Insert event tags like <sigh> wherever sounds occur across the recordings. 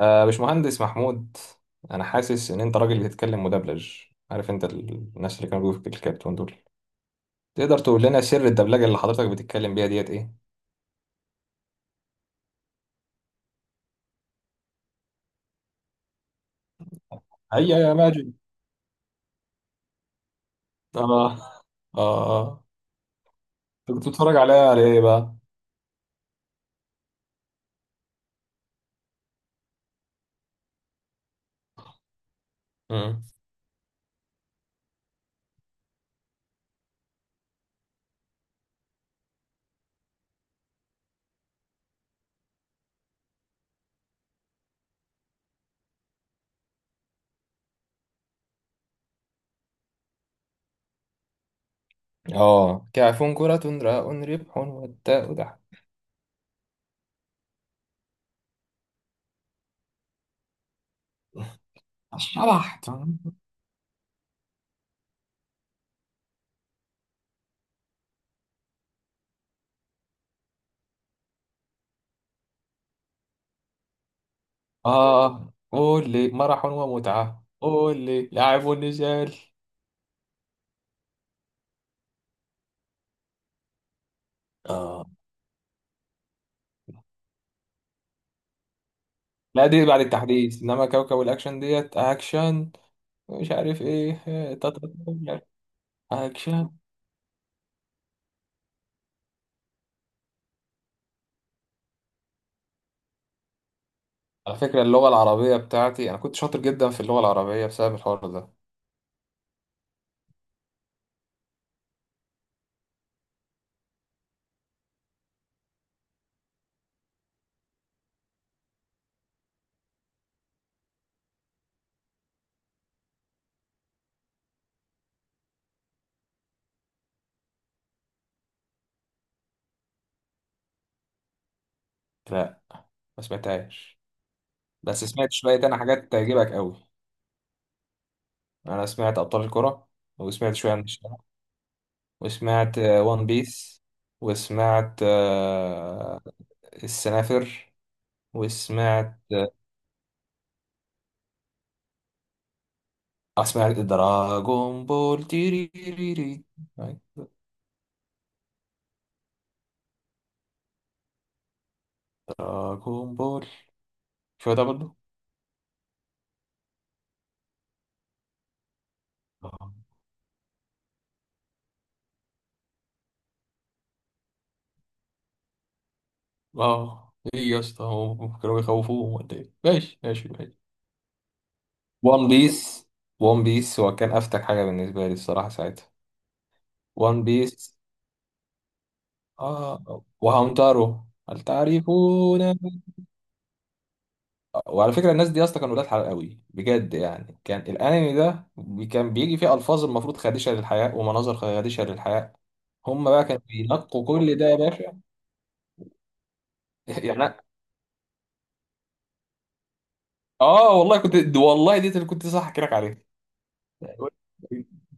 آه باشمهندس محمود، انا حاسس ان انت راجل بتتكلم مدبلج. عارف انت الناس اللي كانوا بيقولوا في الكرتون دول، تقدر تقول لنا سر الدبلجه اللي حضرتك بتتكلم بيها ديت ايه؟ هيا يا ماجد. اه اه اه. انت كنت بتتفرج عليها على ايه بقى؟ مم. اه، كعف كرة راء ربح والتاء دح. الشبح. اه، قول لي مرح ومتعة، قول لي لعب ونزال. اه. لا، دي بعد التحديث. انما كوكب الاكشن ديت اكشن، مش عارف ايه، مش عارف. اكشن. على فكرة اللغة العربية بتاعتي، أنا كنت شاطر جدا في اللغة العربية بسبب الحوار ده. لا، ما سمعتهاش. بس سمعت شوية تاني حاجات تعجبك قوي. أنا سمعت أبطال الكرة، وسمعت شوية عن الشارع، وسمعت وان بيس، وسمعت السنافر، وسمعت سمعت دراغون بول تيري. دراغون بول، شو ده برضه. اه، ايه يا اسطى، هو كانوا بيخوفوهم ولا ايه؟ ماشي ماشي ماشي. وان بيس، وان بيس هو كان افتك حاجه بالنسبه لي الصراحه ساعتها. وان بيس. اه، وهامتارو هل تعرفون. وعلى فكره الناس دي اصلا كانوا ولاد حلال قوي بجد، يعني كان الانمي ده كان بيجي فيه الفاظ المفروض خادشه للحياء ومناظر خادشه للحياء. هم بقى كانوا بينقوا كل ده يا باشا. <laughs> يعني أنا- اه والله كنت، والله دي اللي كنت صح احكي لك عليها.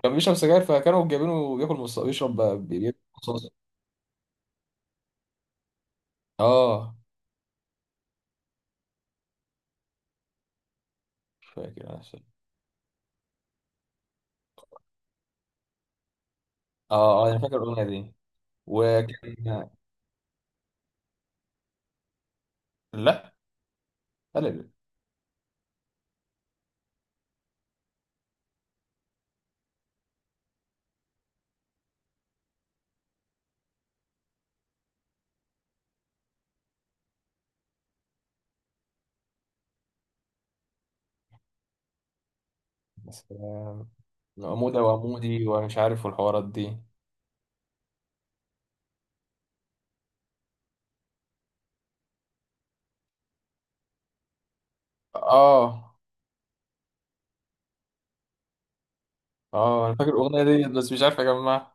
كان بيشرب سجاير فكانوا جايبينه بياكل بيشرب، بياكل مصاصة. اه. مش فاكر انا عشان- اه اه، انا فاكر الاغنيه دي. وكان، لا، قلب. بس عمودة وعمودي ومش عارف والحوارات دي. اه اه، انا فاكر الاغنيه دي بس مش عارف اجمع.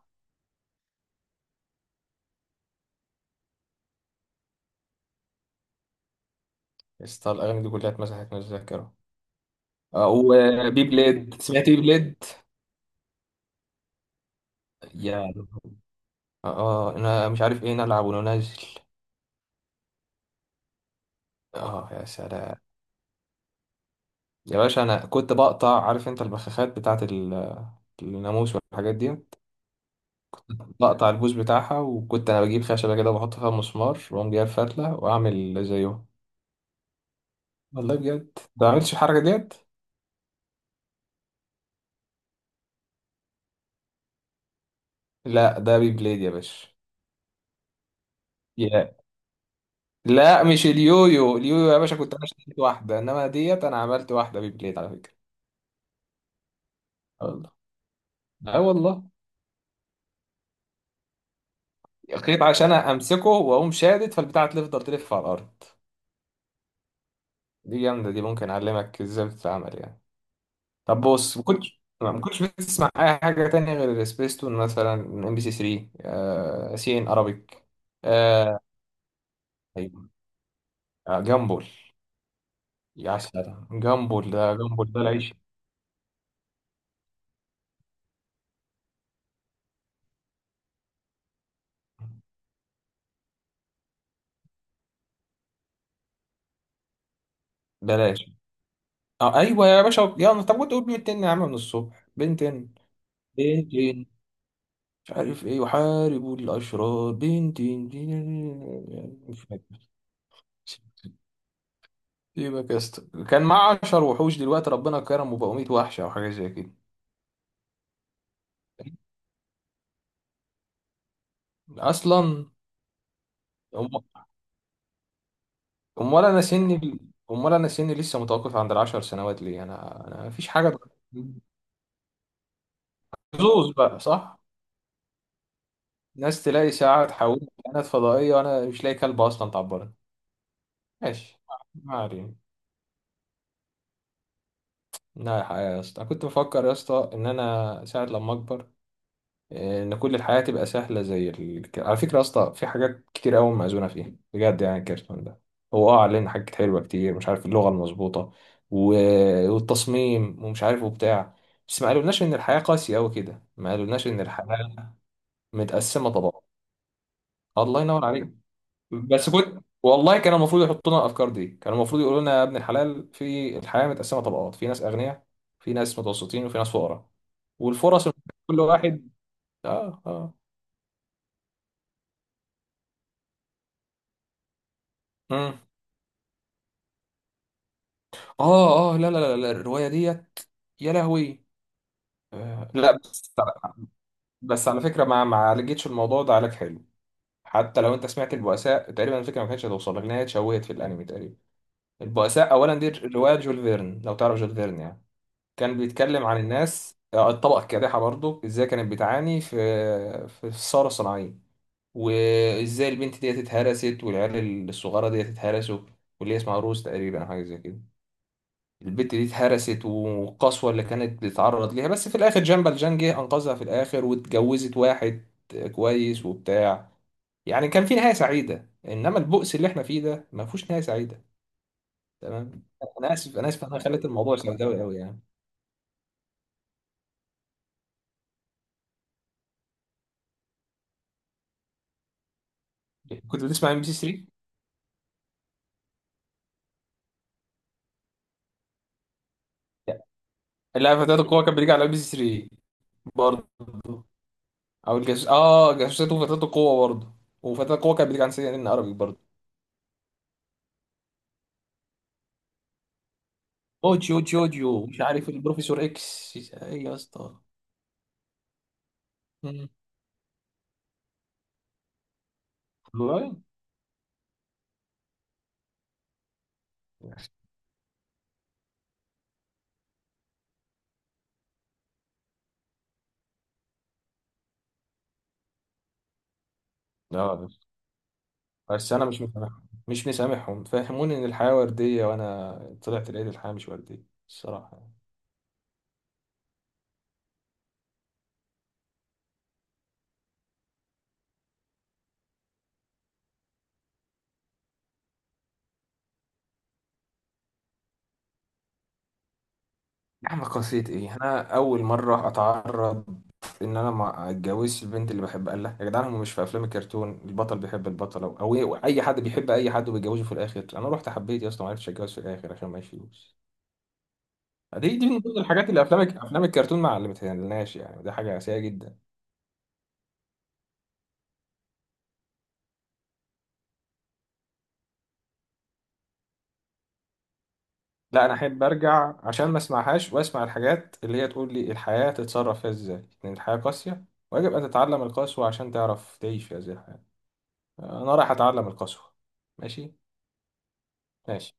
اسطى الاغاني دي كلها اتمسحت من الذاكره. آه، وبي بليد، سمعت بي بليد. يا. اه، انا مش عارف ايه نلعب وننزل. اه، يا سلام. يا باشا انا كنت بقطع، عارف انت البخاخات بتاعت الناموس والحاجات دي، بقطع البوز بتاعها وكنت انا بجيب خشبه كده وبحط فيها مسمار واقوم جايب فتله واعمل زيهم. والله بجد ما عملتش الحركه ديت. لا، ده بي بليد يا باشا. يا. لا مش اليويو، اليويو يا باشا كنت انا اشتريت واحده، انما ديت انا عملت واحده بي بليد على فكره. والله. اه والله. خيط عشان امسكه واقوم شادد فالبتاعه تفضل تلف على الارض. دي جامده، دي ممكن اعلمك ازاي بتتعمل يعني. طب بص، ما كنتش بتسمع اي حاجه تانية غير سبيستون؟ مثلا ام بي سي 3، سي ان ارابيك. آه. أيوة، جامبول. يا سلام، جامبول ده، جامبول ده العيش. بلاش. اه ايوه يا باشا، يلا طب كنت اقول بنتين يا عم، من الصبح بنتين. بنتين، مش عارف ايه، يحاربوا الاشرار بنتين بنتين. مش فاكر. سيبك يا اسطى، كان معاه 10 وحوش، دلوقتي ربنا كرمه بقوا 100 وحشه او حاجه زي كده. اصلا. هم. امال انا سني، امال انا سني لسه متوقف عند 10 سنوات ليه؟ انا مفيش حاجه اتغيرت. زوز بقى، صح. ناس تلاقي ساعه تحولني كائنات فضائيه وانا مش لاقي كلب اصلا تعبرني. ماشي. ما علينا. لا يا اسطى، كنت بفكر يا اسطى ان انا ساعه لما اكبر ان كل الحياه تبقى سهله زي على فكره يا اسطى، في حاجات كتير قوي موزونه فيها بجد يعني. الكرتون ده هو اه علينا حاجات حلوه كتير، مش عارف اللغه المظبوطه و... والتصميم ومش عارف وبتاع. بس ما قالولناش ان الحياه قاسيه قوي كده، ما قالولناش ان الحياه متقسمه طبقات. الله ينور عليك. بس كنت والله، كان المفروض يحطوا لنا الافكار دي، كان المفروض يقولوا لنا يا ابن الحلال، في الحياه متقسمه طبقات، في ناس اغنياء، في ناس متوسطين، وفي ناس فقراء. والفرص، كل واحد. اه اه. مم. اه اه. لا لا لا لا، الرواية ديت، يا لهوي. آه لا بس، بس على فكرة، ما عالجتش الموضوع ده علاج حلو. حتى لو انت سمعت البؤساء، تقريبا الفكرة ما كانتش هتوصل لك، انها اتشوهت في الانمي تقريبا. البؤساء اولا دي رواية جول فيرن، لو تعرف جول فيرن يعني. كان بيتكلم عن الناس، الطبقة الكادحة، برضو ازاي كانت بتعاني في في الثورة الصناعية، وازاي البنت ديت اتهرست والعيال الصغيرة ديت اتهرسوا، واللي هي اسمها روز تقريبا أو حاجة زي كده. البت دي اتهرست والقسوة اللي كانت بتتعرض ليها، بس في الآخر جنبل جان جه أنقذها في الآخر واتجوزت واحد كويس وبتاع. يعني كان في نهاية سعيدة، إنما البؤس اللي إحنا فيه ده ما فيهوش نهاية سعيدة. تمام. أنا آسف، أنا خليت الموضوع سوداوي أوي يعني. كنت بتسمع ام بي سي 3؟ لا، فتاة القوة كان بيجي على ام بي سي 3 برضه. أو الجاسوس، آه، جاسوسات وفتاة القوة برضه. وفتاة القوة كان بيجي على سي إن عربي برضه. اوتشيو اوتشيو اوتشيو، مش عارف، البروفيسور اكس. ايه يا اسطى. والله. لا بس، بس انا مش مسامحهم، مش مسامحهم، فهموني ان الحياه ورديه وانا طلعت لقيت الحياه مش ورديه، الصراحه يعني. يا عم قصية ايه، انا اول مره اتعرض ان انا ما اتجوزش البنت اللي بحبها. قال لها يا جدعان هم مش في افلام الكرتون البطل بيحب البطله او إيه، اي حد بيحب اي حد وبيتجوزه في الاخر. انا رحت حبيت يا اسطى ما عرفتش اتجوز في الاخر عشان معيش فلوس. دي من ضمن الحاجات اللي افلام الكرتون ما علمتهالناش يعني، دي حاجه سيئه جدا. لا انا احب ارجع عشان ما اسمعهاش، واسمع الحاجات اللي هي تقول لي الحياة تتصرف فيها ازاي، لان الحياة قاسية ويجب ان تتعلم القسوة عشان تعرف تعيش في هذه الحياة. انا رايح اتعلم القسوة. ماشي. ماشي.